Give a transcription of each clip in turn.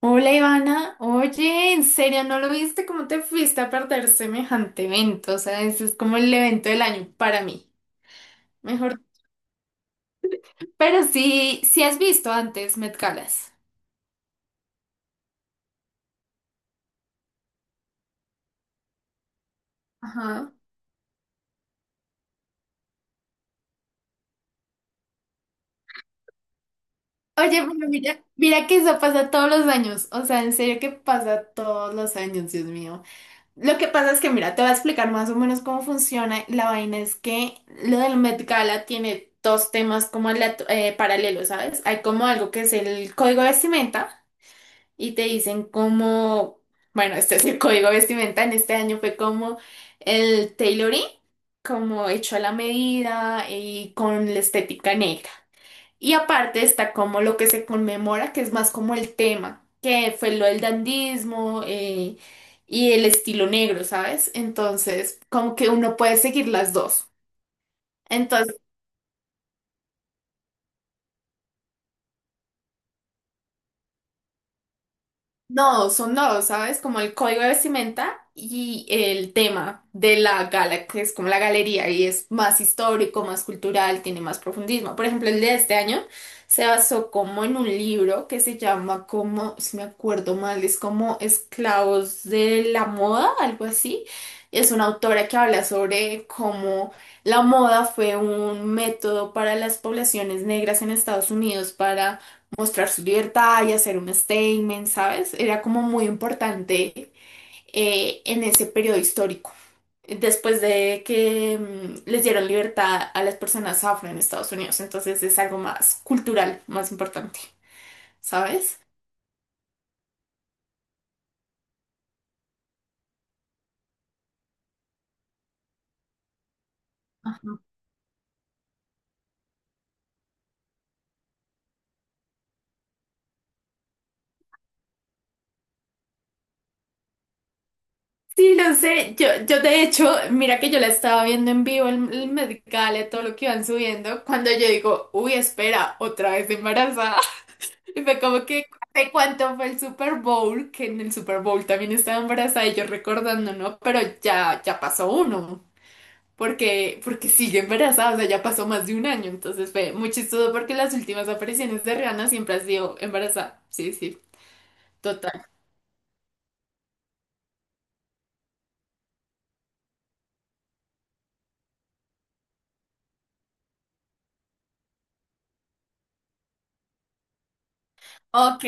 Hola Ivana, oye, ¿en serio no lo viste? ¿Cómo te fuiste a perder semejante evento? O sea, ese es como el evento del año para mí. Mejor. Pero sí, sí has visto antes Met Galas. Ajá. Oye, pero mira, mira que eso pasa todos los años. O sea, en serio que pasa todos los años, Dios mío. Lo que pasa es que, mira, te voy a explicar más o menos cómo funciona. La vaina es que lo del Met Gala tiene dos temas como paralelos, ¿sabes? Hay como algo que es el código de vestimenta. Y te dicen como, bueno, este es el código de vestimenta en este año, fue como el tailoring, como hecho a la medida y con la estética negra. Y aparte está como lo que se conmemora, que es más como el tema, que fue lo del dandismo y el estilo negro, ¿sabes? Entonces, como que uno puede seguir las dos. Entonces no, son dos, ¿sabes? Como el código de vestimenta y el tema de la gala, que es como la galería y es más histórico, más cultural, tiene más profundismo. Por ejemplo, el de este año se basó como en un libro que se llama como, si me acuerdo mal, es como Esclavos de la Moda, algo así. Es una autora que habla sobre cómo la moda fue un método para las poblaciones negras en Estados Unidos para mostrar su libertad y hacer un statement, ¿sabes? Era como muy importante en ese periodo histórico. Después de que les dieron libertad a las personas afro en Estados Unidos, entonces es algo más cultural, más importante, ¿sabes? Sí, lo sé. Yo de hecho, mira que yo la estaba viendo en vivo, el Met Gala, todo lo que iban subiendo, cuando yo digo, uy, espera, otra vez embarazada. Y fue como que, ¿de cuánto fue el Super Bowl? Que en el Super Bowl también estaba embarazada y yo recordando, ¿no? Pero ya, ya pasó uno, porque sigue embarazada, o sea, ya pasó más de un año. Entonces fue muy chistoso porque las últimas apariciones de Rihanna siempre ha sido embarazada. Sí, sí, total. Ok,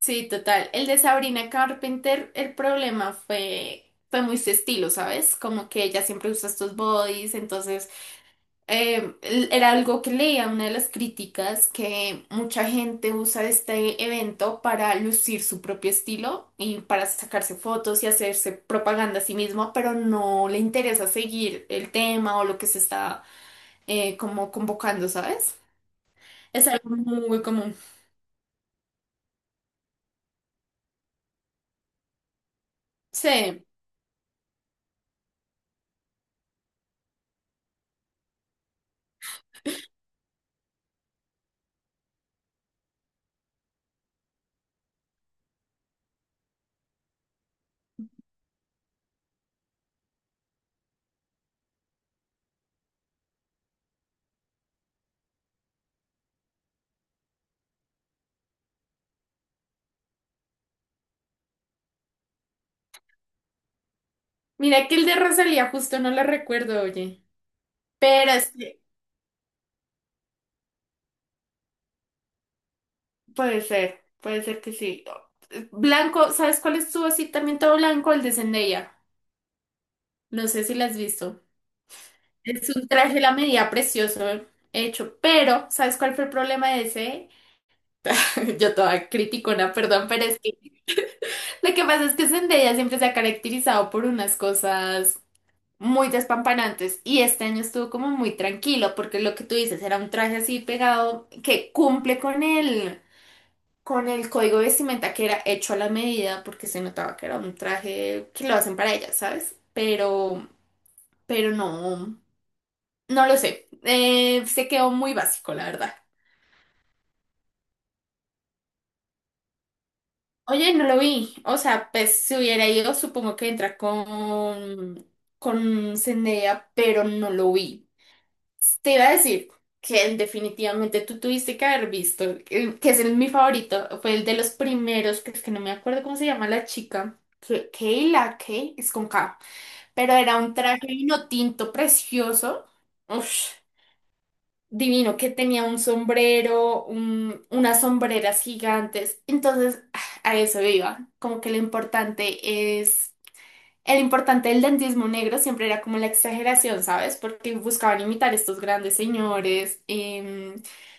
sí, total. El de Sabrina Carpenter, el problema fue muy su estilo, ¿sabes? Como que ella siempre usa estos bodies, entonces era algo que leía, una de las críticas, que mucha gente usa este evento para lucir su propio estilo y para sacarse fotos y hacerse propaganda a sí mismo, pero no le interesa seguir el tema o lo que se está como convocando, ¿sabes? Es algo muy común. Sí, mira que el de Rosalía justo no lo recuerdo, oye, pero es que puede ser que sí. Blanco, ¿sabes cuál estuvo así también todo blanco? El de Zendaya. No sé si la has visto. Es un traje a la medida precioso hecho, pero ¿sabes cuál fue el problema de ese? Yo toda criticona, perdón, pero es que lo que pasa es que Zendaya siempre se ha caracterizado por unas cosas muy despampanantes y este año estuvo como muy tranquilo porque lo que tú dices era un traje así pegado que cumple con con el código de vestimenta que era hecho a la medida porque se notaba que era un traje que lo hacen para ella, ¿sabes? Pero no, no lo sé. Se quedó muy básico, la verdad. Oye, no lo vi. O sea, pues si hubiera ido, supongo que entra con Zendaya, pero no lo vi. Te iba a decir que definitivamente tú tuviste que haber visto, mi favorito, fue el de los primeros, que es que no me acuerdo cómo se llama la chica. Que Kayla, Kay, es con K, pero era un traje vino tinto precioso. Uf, divino, que tenía un sombrero, unas sombreras gigantes. Entonces, ah, a eso iba. Como que lo importante es el importante del dentismo negro siempre era como la exageración, ¿sabes? Porque buscaban imitar estos grandes señores.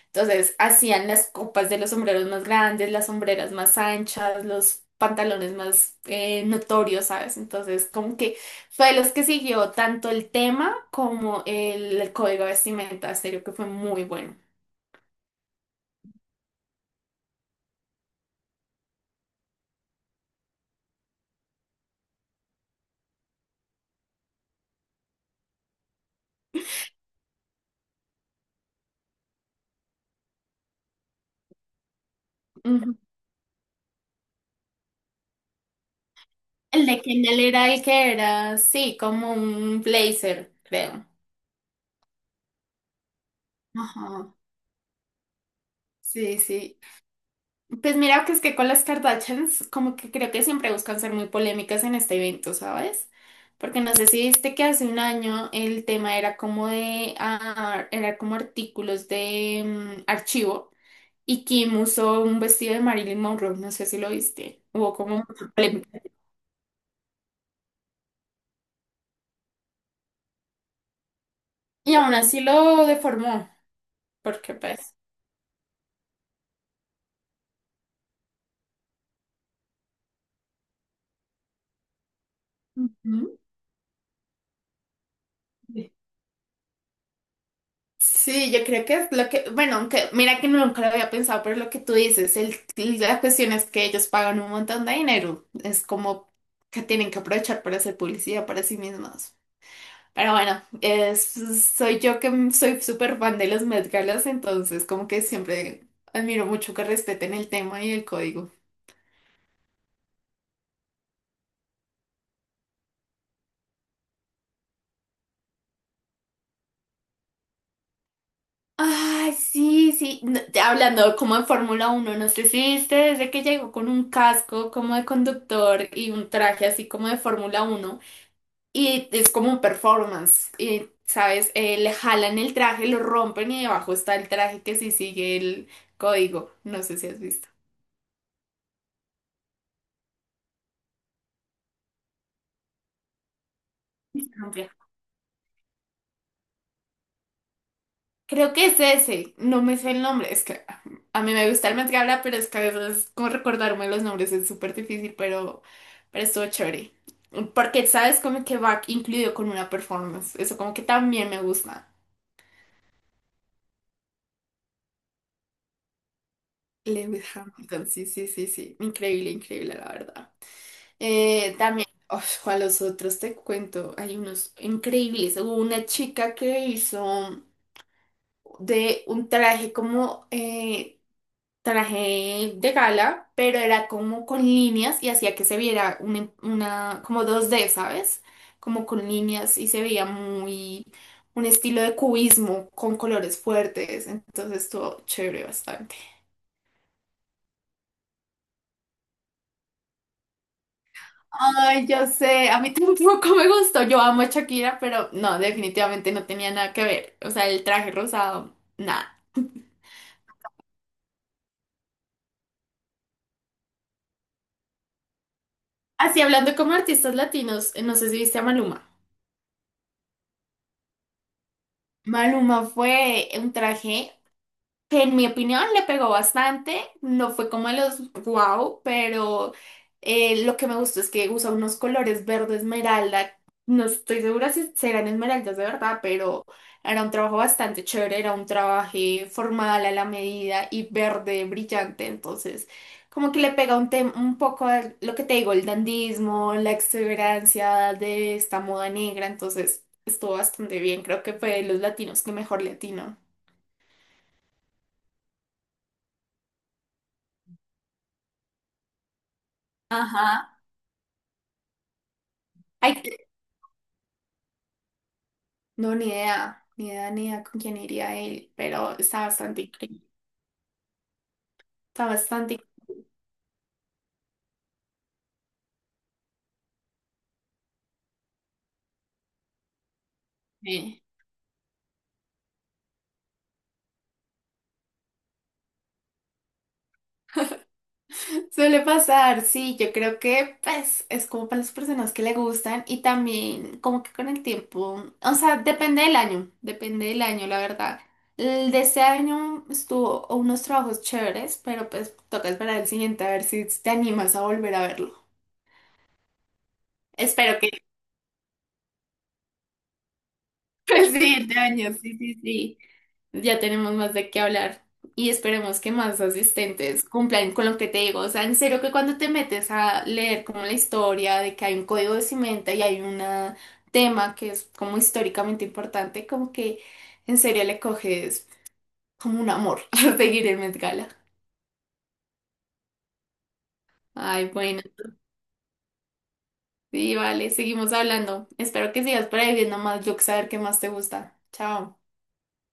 Entonces hacían las copas de los sombreros más grandes, las sombreras más anchas, los pantalones más notorios, ¿sabes? Entonces como que fue de los que siguió tanto el tema como el código de vestimenta, en serio que fue muy bueno. Ujú. El de Kendall era el que era, sí, como un blazer, creo. Ajá, sí, sí. Pues mira que es que con las Kardashians como que creo que siempre buscan ser muy polémicas en este evento, ¿sabes? Porque no sé si viste que hace un año el tema era como de ah, era como artículos de archivo y Kim usó un vestido de Marilyn Monroe, no sé si lo viste. Hubo como mucha polémica. Y aún así lo deformó, porque pues. Ujú. Sí, yo creo que es lo que, bueno, aunque mira que nunca lo había pensado, pero lo que tú dices, el, la cuestión es que ellos pagan un montón de dinero, es como que tienen que aprovechar para hacer publicidad para sí mismos. Pero bueno, soy yo que soy súper fan de los Met Galas, entonces como que siempre admiro mucho que respeten el tema y el código. Ay, sí, sí, no, ya hablando como en Fórmula Uno, no sé si viste desde que llegó con un casco como de conductor y un traje así como de Fórmula Uno. Y es como un performance. Y, ¿sabes? Le jalan el traje, lo rompen y debajo está el traje que sí sigue el código. No sé si has visto. Amplia. Creo que es ese. No me sé el nombre. Es que a mí me gusta el Met Gala, pero es que a veces como recordarme los nombres es súper difícil, pero estuvo chévere. Porque, ¿sabes? Como que va incluido con una performance. Eso como que también me gusta. Lewis Hamilton, sí, sí, sí, sí. Increíble, increíble, la verdad. Uf, ¿cuál los otros te cuento? Hay unos increíbles. Hubo una chica que hizo de un traje como traje de gala, pero era como con líneas y hacía que se viera una, como dos d, ¿sabes? Como con líneas y se veía muy un estilo de cubismo con colores fuertes. Entonces estuvo chévere bastante. Ay, yo sé, a mí tampoco me gustó. Yo amo a Shakira, pero no, definitivamente no tenía nada que ver. O sea, el traje rosado, nada. Así hablando como artistas latinos, no sé si viste a Maluma. Maluma fue un traje que en mi opinión le pegó bastante, no fue como de los wow, pero lo que me gustó es que usa unos colores verde esmeralda, no estoy segura si serán esmeraldas de verdad, pero era un trabajo bastante chévere, era un trabajo formal a la medida y verde brillante, entonces como que le pega un, un poco a lo que te digo, el dandismo, la extravagancia de esta moda negra, entonces estuvo bastante bien, creo que fue de los latinos que mejor latino. Ajá. Hay, no, ni idea, ni idea, ni idea con quién iría él, pero está bastante increíble. Está bastante increíble. Suele pasar, sí, yo creo que pues es como para las personas que le gustan y también como que con el tiempo, o sea, depende del año, la verdad. El de este año estuvo unos trabajos chéveres, pero pues toca esperar el siguiente a ver si te animas a volver a verlo. Espero que pues sí, de años, sí, sí, sí. Ya tenemos más de qué hablar y esperemos que más asistentes cumplan con lo que te digo. O sea, en serio que cuando te metes a leer como la historia de que hay un código de cimenta y hay un tema que es como históricamente importante, como que en serio le coges como un amor a seguir el Met Gala. Ay, bueno, sí, vale, seguimos hablando. Espero que sigas por ahí viendo más. Yo que saber qué más te gusta. Chao.